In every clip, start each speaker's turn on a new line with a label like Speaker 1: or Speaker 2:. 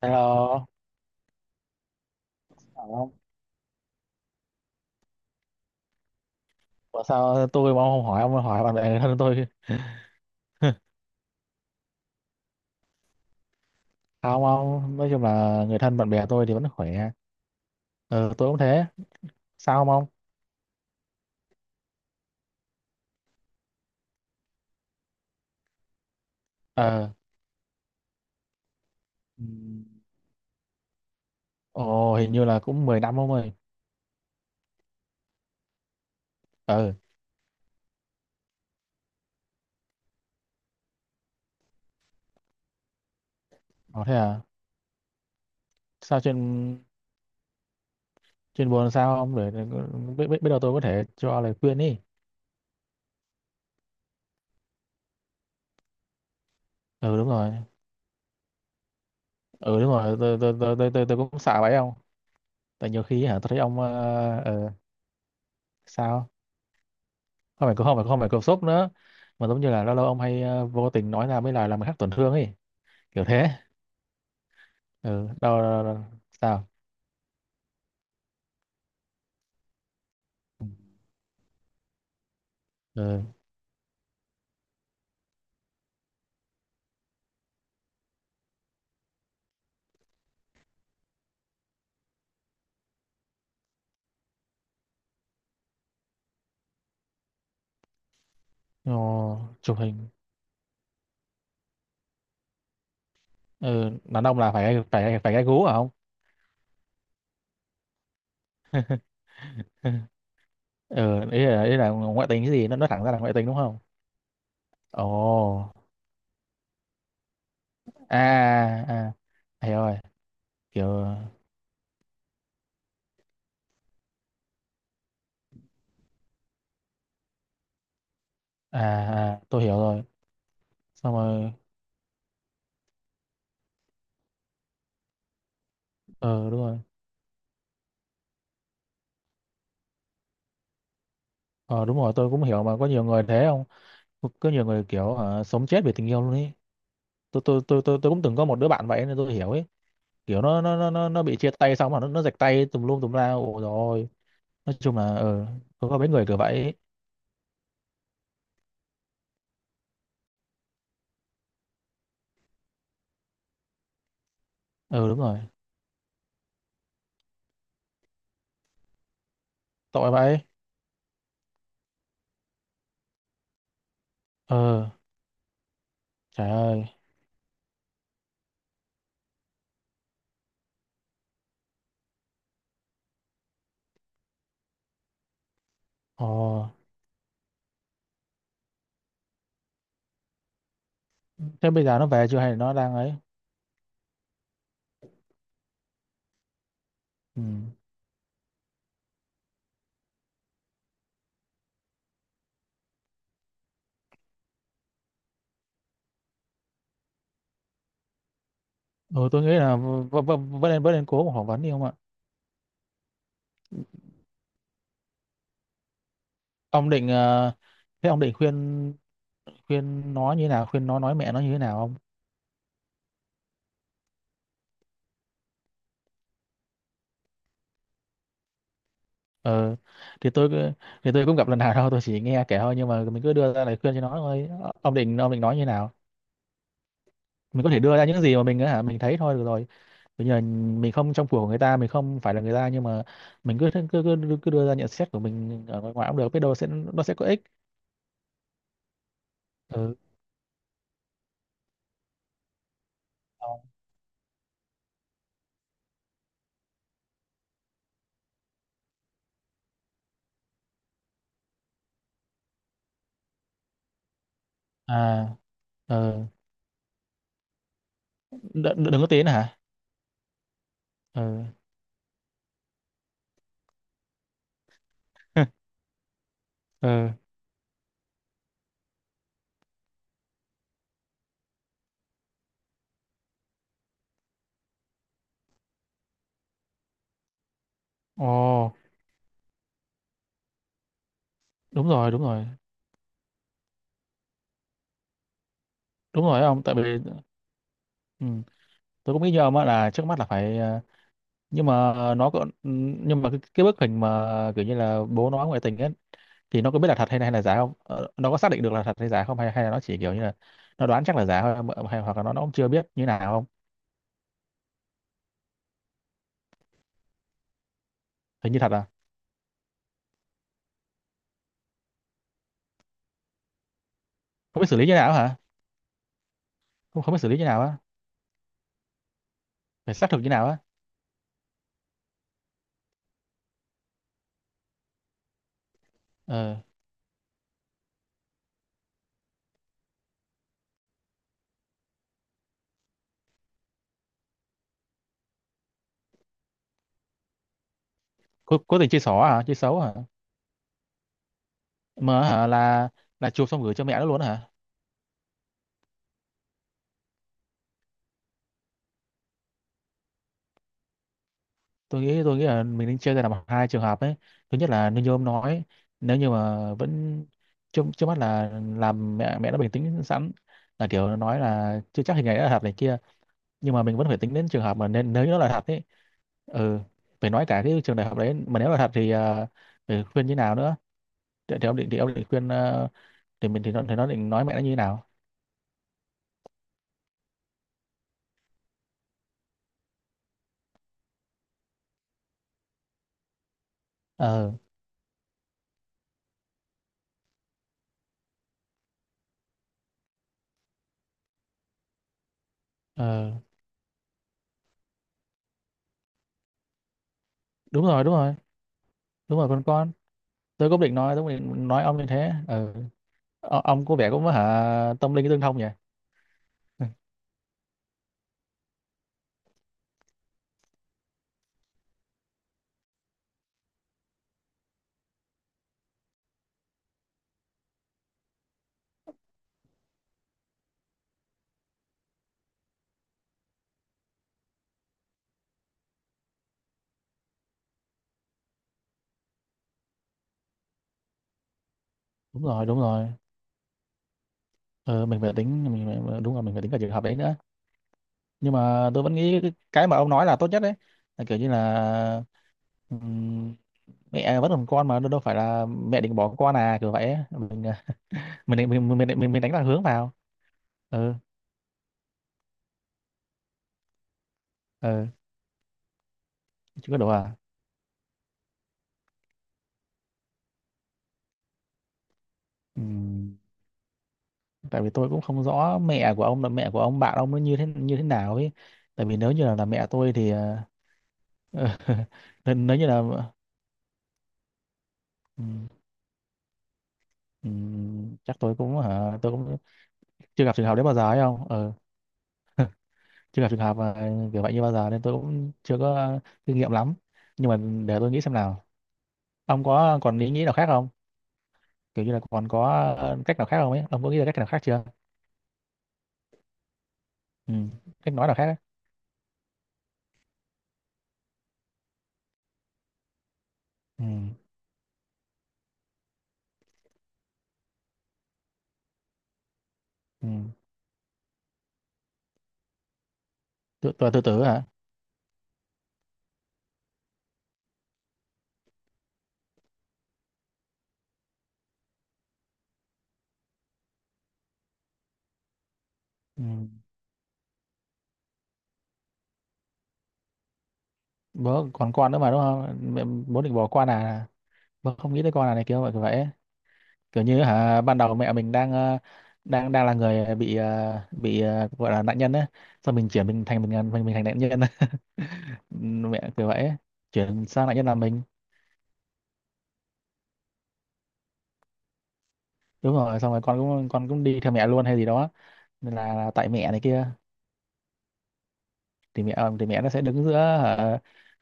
Speaker 1: Hello, hỏi ông. Ủa sao tôi mà ông không hỏi, ông hỏi bạn bè người thân tôi? Không, ông nói chung là người thân bạn bè tôi thì vẫn khỏe. Ờ tôi cũng thế. Sao không ông? ờ ừm, Ồ hình như là cũng 10 năm ông ơi. ờ ờ, Thế à? Sao chuyện? Chuyện buồn sao ông biết biết biết đâu tôi có thể cho lời khuyên. Đi. Ừ đúng rồi. Ừ đúng rồi, tôi cũng sợ vậy ông. Tại nhiều khi hả tôi thấy ông sao. Không phải, không phải cột sốc nữa, mà giống như là lâu lâu ông hay vô tình nói ra mấy lời làm người khác tổn thương ấy, kiểu thế. Ừ, đâu. Sao? ừ ờ, Chụp hình. Ừ, đàn ông là phải phải phải gai gú hả không? Ừ ý là ngoại tình, cái gì nó thẳng ra là ngoại tình đúng không? Ồ. À. À. À, hiểu rồi. Kiểu. À, à tôi hiểu rồi. Xong rồi. Ờ đúng rồi. Ờ đúng rồi tôi cũng hiểu, mà có nhiều người thế không? Có nhiều người kiểu sống chết vì tình yêu luôn ý. Tôi cũng từng có một đứa bạn vậy nên tôi hiểu ấy. Kiểu nó bị chia tay xong mà nó rạch tay tùm lum tùm la, ồ rồi. Nói chung là ờ có mấy người kiểu vậy ấy. Ừ đúng rồi. Tội vậy. Ờ. Trời ơi. Ồ, thế bây giờ nó về chưa hay là nó đang ấy? Ừ. Ừ tôi nghĩ là vẫn nên cố mà phỏng vấn đi không ạ. Ông định thế ông định khuyên, khuyên nó như thế nào, khuyên nó nói mẹ nó như thế nào không? Ờ thì tôi cứ- thì tôi cũng gặp lần nào đâu, tôi chỉ nghe kể thôi, nhưng mà mình cứ đưa ra lời khuyên cho nó thôi. Ông định ông định nói như nào? Mình có thể đưa ra những gì mà mình á hả mình thấy thôi, được rồi. Bây giờ mình không trong cuộc của người ta, mình không phải là người ta, nhưng mà mình cứ cứ cứ, cứ cứ đưa ra nhận xét của mình ở ngoài ngoài cũng được, biết đâu sẽ nó sẽ có ích. Ừ. À. Ờ. Đừng, đừng có tiến hả. Ừ. Ừ. Ồ. Đúng rồi. Đúng rồi. Đúng rồi ông, tại vì. Ừ. Tôi cũng nghĩ như ông á là trước mắt là phải nhưng mà nó có, nhưng mà cái bức hình mà kiểu như là bố nó ngoại tình ấy, thì nó có biết là thật hay là giả không? Ờ, nó có xác định được là thật hay giả không, hay hay là nó chỉ kiểu như là nó đoán chắc là giả thôi mà, hay hoặc là nó cũng chưa biết như nào không? Hình như thật à. Không biết xử lý như nào hả? Không, không biết xử lý như nào á? Phải xác thực như nào á? Ờ. Cố, cố tình chơi xỏ hả, chơi xấu hả? Mà hả là chụp xong gửi cho mẹ nó luôn hả? Tôi nghĩ tôi nghĩ là mình nên chia ra làm hai trường hợp ấy. Thứ nhất là như ông nói, nếu như mà vẫn, trước trước mắt là làm mẹ, mẹ đã bình tĩnh sẵn, là kiểu nói là chưa chắc hình này đã là thật này kia. Nhưng mà mình vẫn phải tính đến trường hợp mà nên nếu nó là thật ấy. Ừ. Phải nói cả cái trường đại học đấy, mà nếu là thật thì phải khuyên như nào nữa. Thì, thì ông định thì ông định khuyên thì mình, thì nó định nói mẹ nó như thế nào? Ờ. Ờ đúng rồi. Đúng rồi. Đúng rồi con con. Tôi cũng định nói tôi cũng định nói ông như thế. Ừ. Ô, ông có vẻ cũng hả tâm linh tương thông nhỉ. Ừ. Đúng rồi. Đúng rồi ờ, mình phải tính, mình phải, đúng rồi mình phải tính cả trường hợp đấy nữa. Nhưng mà tôi vẫn nghĩ cái mà ông nói là tốt nhất đấy, là kiểu như là ừm, mẹ vẫn còn con mà, đâu đâu phải là mẹ định bỏ con à, kiểu vậy ấy. Mình à, mình đánh lạc hướng vào. Ừ. Ừ. Chứ có đủ à? Ừm, Tại vì tôi cũng không rõ mẹ của ông, là mẹ của ông bạn ông nó như thế nào ấy. Tại vì nếu như là mẹ tôi thì nếu nếu như là ừm, chắc tôi cũng hả tôi cũng chưa gặp trường hợp đấy bao giờ ấy không ờ, chưa gặp trường hợp mà kiểu vậy như bao giờ nên tôi cũng chưa có kinh nghiệm lắm. Nhưng mà để tôi nghĩ xem nào. Ông có còn ý nghĩ nào khác không, kiểu như là còn có cách nào khác không ấy, ông có nghĩ ra cách nào khác chưa? Ừ. Cách nói nào khác ấy. Ừ. Ừ. Tự, tự, tự tử hả? Ừ. Bố còn con nữa mà đúng không mẹ, bố định bỏ con à, bố không nghĩ tới con à, này kiểu vậy ấy. Kiểu như hả ban đầu mẹ mình đang đang, đang là người bị bị gọi là nạn nhân ấy, xong mình chuyển mình thành mình mình thành nạn nhân. Mẹ kiểu vậy ấy. Chuyển sang lại nhất là mình. Đúng rồi, xong rồi con cũng, con cũng đi theo mẹ luôn hay gì đó. Nên là tại mẹ này kia. Thì mẹ thì mẹ nó sẽ đứng giữa, hả,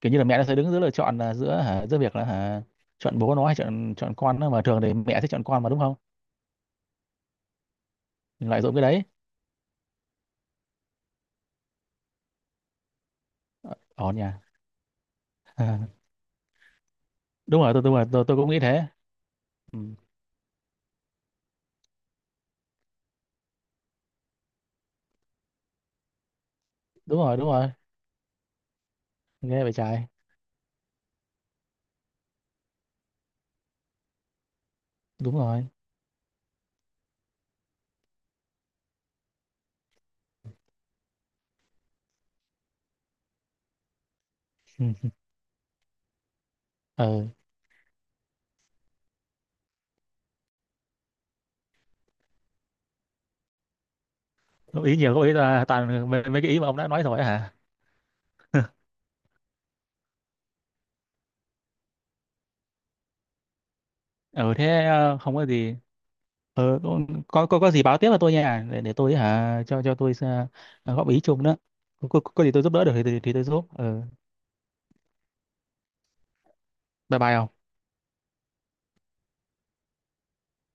Speaker 1: kiểu như là mẹ nó sẽ đứng giữa lựa chọn là giữa, hả, giữa việc là hả, chọn bố nó hay chọn, chọn con nó, mà thường thì mẹ sẽ chọn con mà đúng không? Mình lợi dụng cái đấy. Ổn nhỉ. Đúng rồi, tôi cũng nghĩ thế. Ừ. Đúng rồi. Đúng rồi. Ghê vậy trai. Đúng rồi. Ừ. Ừ. Góp ý nhiều, góp ý là toàn mấy cái ý mà ông đã nói rồi hả? Ừ thế không có gì. Ờ, có gì báo tiếp là tôi nha, để tôi hả cho tôi góp ý chung đó. Có gì tôi giúp đỡ được thì thì tôi giúp. Ờ, bye bye.